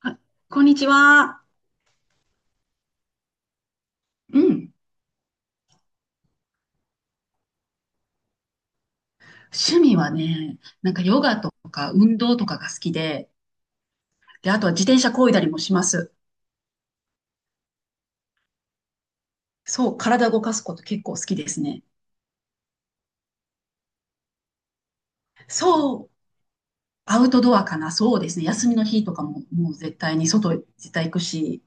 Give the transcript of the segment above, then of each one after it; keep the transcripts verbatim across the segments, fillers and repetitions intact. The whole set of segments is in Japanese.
あ、こんにちは。うん。趣味はね、なんかヨガとか運動とかが好きで、で、あとは自転車漕いだりもします。そう、体動かすこと結構好きですね。そう、アウトドアかな。そうですね。休みの日とかももう絶対に外絶対行くし。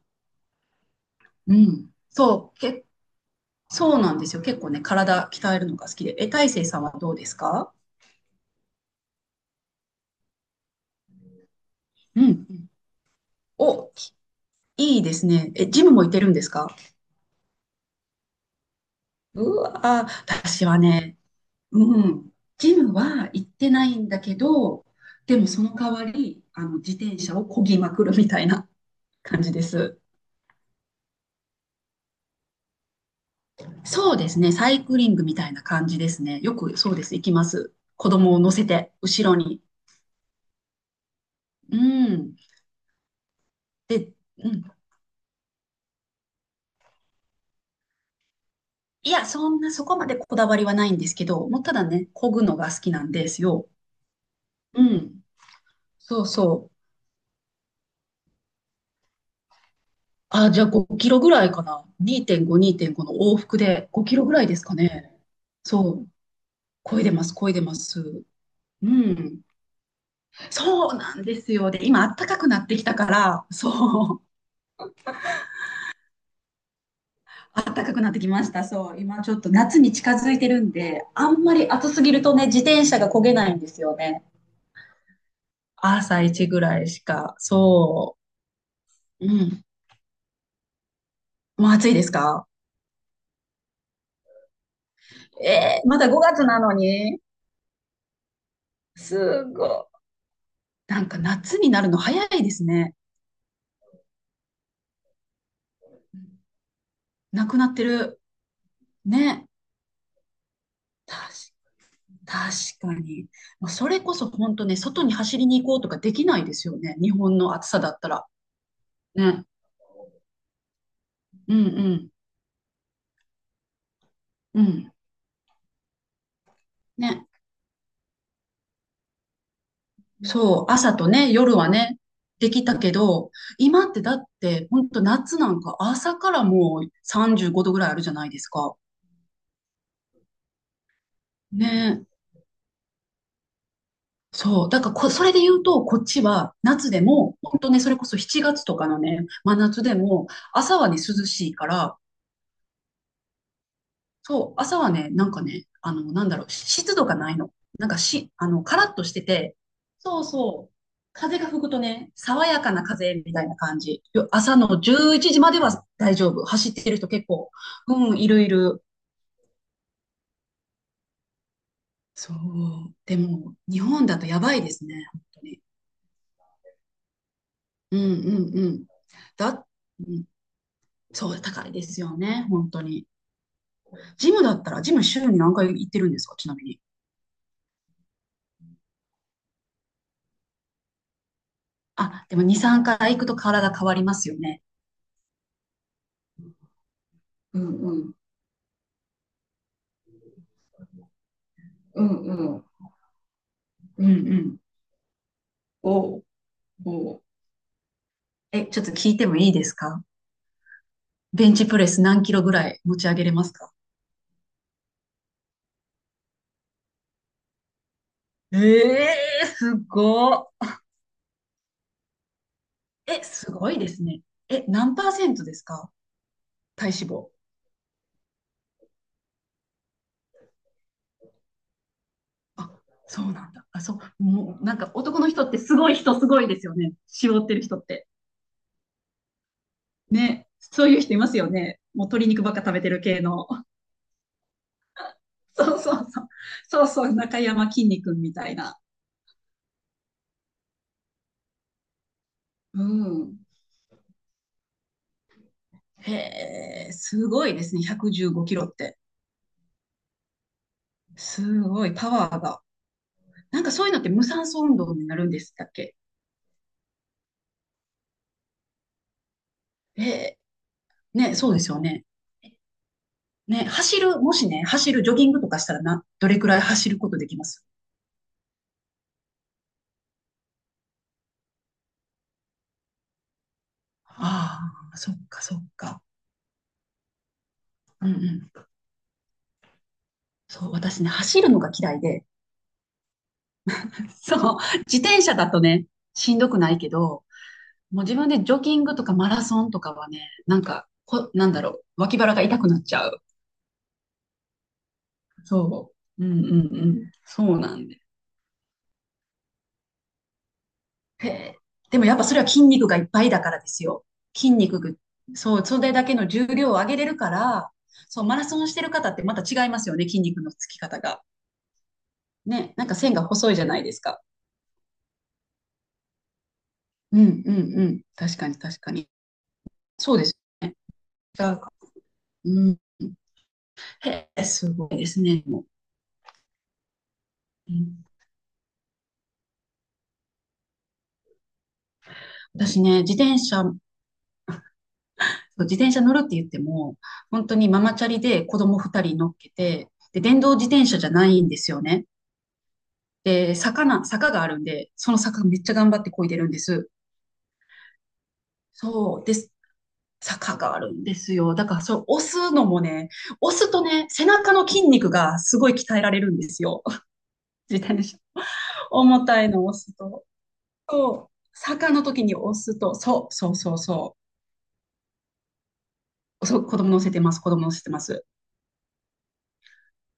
うん。そう、け、そうなんですよ。結構ね、体鍛えるのが好きで。え、大成さんはどうですか？うん。お、いいですね。え、ジムも行ってるんですか？うわ、私はね、うん、ジムは行ってないんだけど、でもその代わり、あの、自転車を漕ぎまくるみたいな感じです。そうですね、サイクリングみたいな感じですね。よくそうです、行きます。子供を乗せて、後ろに。うん。で、うん。いや、そんな、そこまでこだわりはないんですけど、もうただね、漕ぐのが好きなんですよ。うん。そうそう。あ、じゃあごきろぐらいかな。にてんご、にてんごの往復でごきろぐらいですかね。そう漕いでます、漕いでます。うん。そうなんですよ。で、今、暖かくなってきたから、そう、暖かくなってきました。そう、今ちょっと夏に近づいてるんで、あんまり暑すぎるとね、自転車が漕げないんですよね。朝一ぐらいしか。そう。うん。もう暑いですか？えー、まだごがつなのに。すごい。なんか夏になるの早いですね。なくなってる。ね。確確かに。まあそれこそ本当ね、外に走りに行こうとかできないですよね。日本の暑さだったら。ね。うんうん。うん。ね。そう。朝とね、夜はね、できたけど、今ってだって、本当夏なんか朝からもうさんじゅうごどぐらいあるじゃないですか。ね。そう。だからこ、それで言うと、こっちは夏でも、本当ね、それこそしちがつとかのね、真夏でも、朝はね、涼しいから、そう、朝はね、なんかね、あの、なんだろう、湿度がないの。なんかし、あの、カラッとしてて、そうそう、風が吹くとね、爽やかな風みたいな感じ。よ朝のじゅういちじまでは大丈夫。走ってる人結構、うん、いるいる。そう、でも、日本だとやばいですね、本当に。うんうんうん。だ、うん、そう、高いですよね、本当に。ジムだったら、ジム週に何回行ってるんですか、ちなみに？あ、でもに、さんかい行くと体変わりますよね。うんうん。うんうん。うんうん。おうおう。え、ちょっと聞いてもいいですか？ベンチプレス何キロぐらい持ち上げれますか？ええー、すごっ。え、すごいですね。え、何パーセントですか？体脂肪。あ、そうなんだ。あ、そう。もう、なんか男の人ってすごい人すごいですよね。絞ってる人って。ね。そういう人いますよね。もう鶏肉ばっか食べてる系の。そうそうそう。そうそう。中山きんに君みたいな。うん。へえ、すごいですね。ひゃくじゅうごきろって。すごい、パワーが。なんかそういうのって無酸素運動になるんですだっけ？へえ、ね、そうですよね。ね、走る、もしね、走る、ジョギングとかしたらな、どれくらい走ることできます？ああ、そっか、そっか。うんうん。そう、私ね、走るのが嫌いで、そう、自転車だとね、しんどくないけど、もう自分でジョギングとかマラソンとかはね、なんか、こ、なんだろう、脇腹が痛くなっちゃう。そう。うんうんうん。そうなんで。へえ。でもやっぱそれは筋肉がいっぱいだからですよ。筋肉が、そう、それだけの重量を上げれるから、そう、マラソンしてる方ってまた違いますよね、筋肉のつき方が。ね、なんか線が細いじゃないですか。うんうんうん。確かに確かに。そうですね。違うか。うん。へえ、すごいですね。もう、うん、私ね、自転車そう自転車乗るって言っても、本当にママチャリで子供ふたり乗っけて、で、電動自転車じゃないんですよね。で、坂な、坂があるんで、その坂めっちゃ頑張って漕いでるんです。そうです。坂があるんですよ。だから、それ押すのもね、押すとね、背中の筋肉がすごい鍛えられるんですよ。自転車。重たいのを押すと。そう。坂の時に押すと、そう、そうそうそう。そう子供乗せてます、子供乗せてます。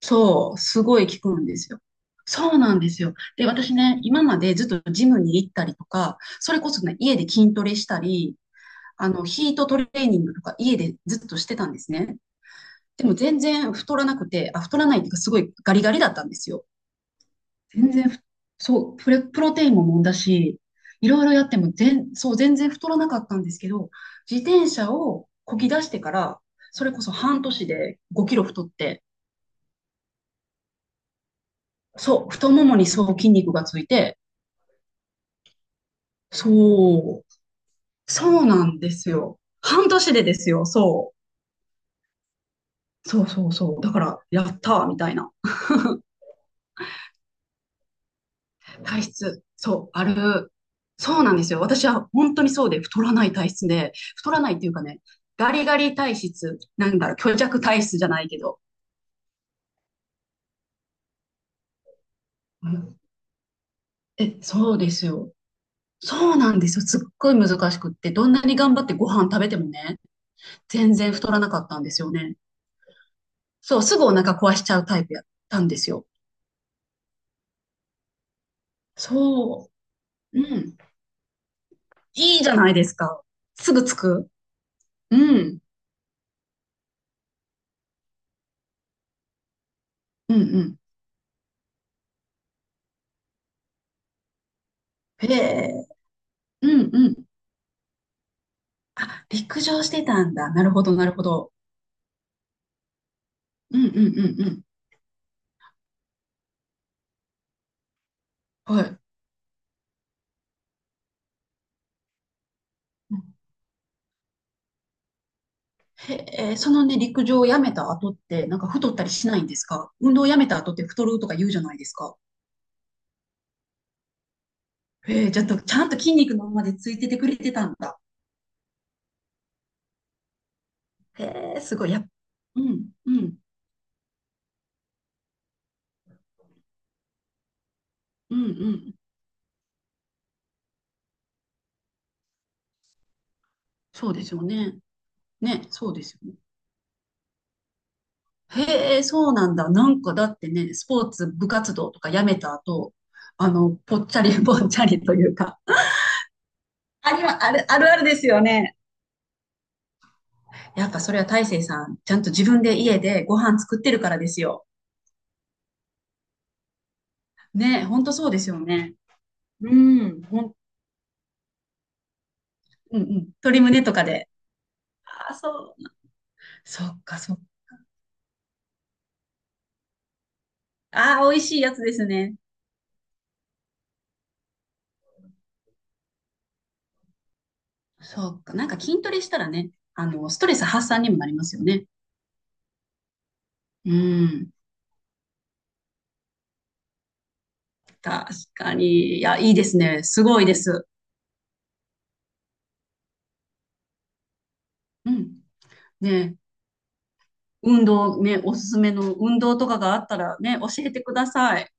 そう、すごい効くんですよ。そうなんですよ。で、私ね、今までずっとジムに行ったりとか、それこそね、家で筋トレしたり、あの、ヒートトレーニングとか家でずっとしてたんですね。でも全然太らなくて、あ、太らないっていうかすごいガリガリだったんですよ。全然ふ、そう、プレ、プロテインも飲んだし、いろいろやっても全、そう、全然太らなかったんですけど、自転車をこぎ出してから、それこそ半年でごきろ太って、そう、太ももにそう筋肉がついて、そう。そうなんですよ。半年でですよ。そう。そうそうそう。だから、やったーみたいな。体質。そう、ある。そうなんですよ。私は本当にそうで、太らない体質で、太らないっていうかね、ガリガリ体質、なんだろう、虚弱体質じゃないけど。うん。え、そうですよ。そうなんですよ。すっごい難しくって、どんなに頑張ってご飯食べてもね、全然太らなかったんですよね。そう、すぐお腹壊しちゃうタイプやったんですよ。そう。うん。いいじゃないですか。すぐ着く。うん。うんうん。へえ。うんうん。あ、陸上してたんだ。なるほど、なるほど。うんうんうんうん。はい。へえ、そのね、陸上をやめた後って、なんか太ったりしないんですか？運動をやめた後って太るとか言うじゃないですか。へえ、ちゃんと、ちゃんと筋肉のままでついててくれてたんだ。へえ、すごい。やっ、うん、うん、うん、うん。そうですよね。ね、そうですよ。へえ、そうなんだ。なんかだってね、スポーツ部活動とかやめた後、あの、ぽっちゃり ぽっちゃりというか、ありま、ある、あるあるですよね。やっぱそれは大成さん、ちゃんと自分で家でご飯作ってるからですよ。ね、ほんとそうですよね。うん、ほん、うんうん。鶏胸とかで。ああ、そう。そっか、そっか。ああ、美味しいやつですね。そっか。なんか筋トレしたらね、あの、ストレス発散にもなりますよね。うん。確かに。いや、いいですね。すごいです。うん。ね、運動ね、おすすめの運動とかがあったらね、教えてください。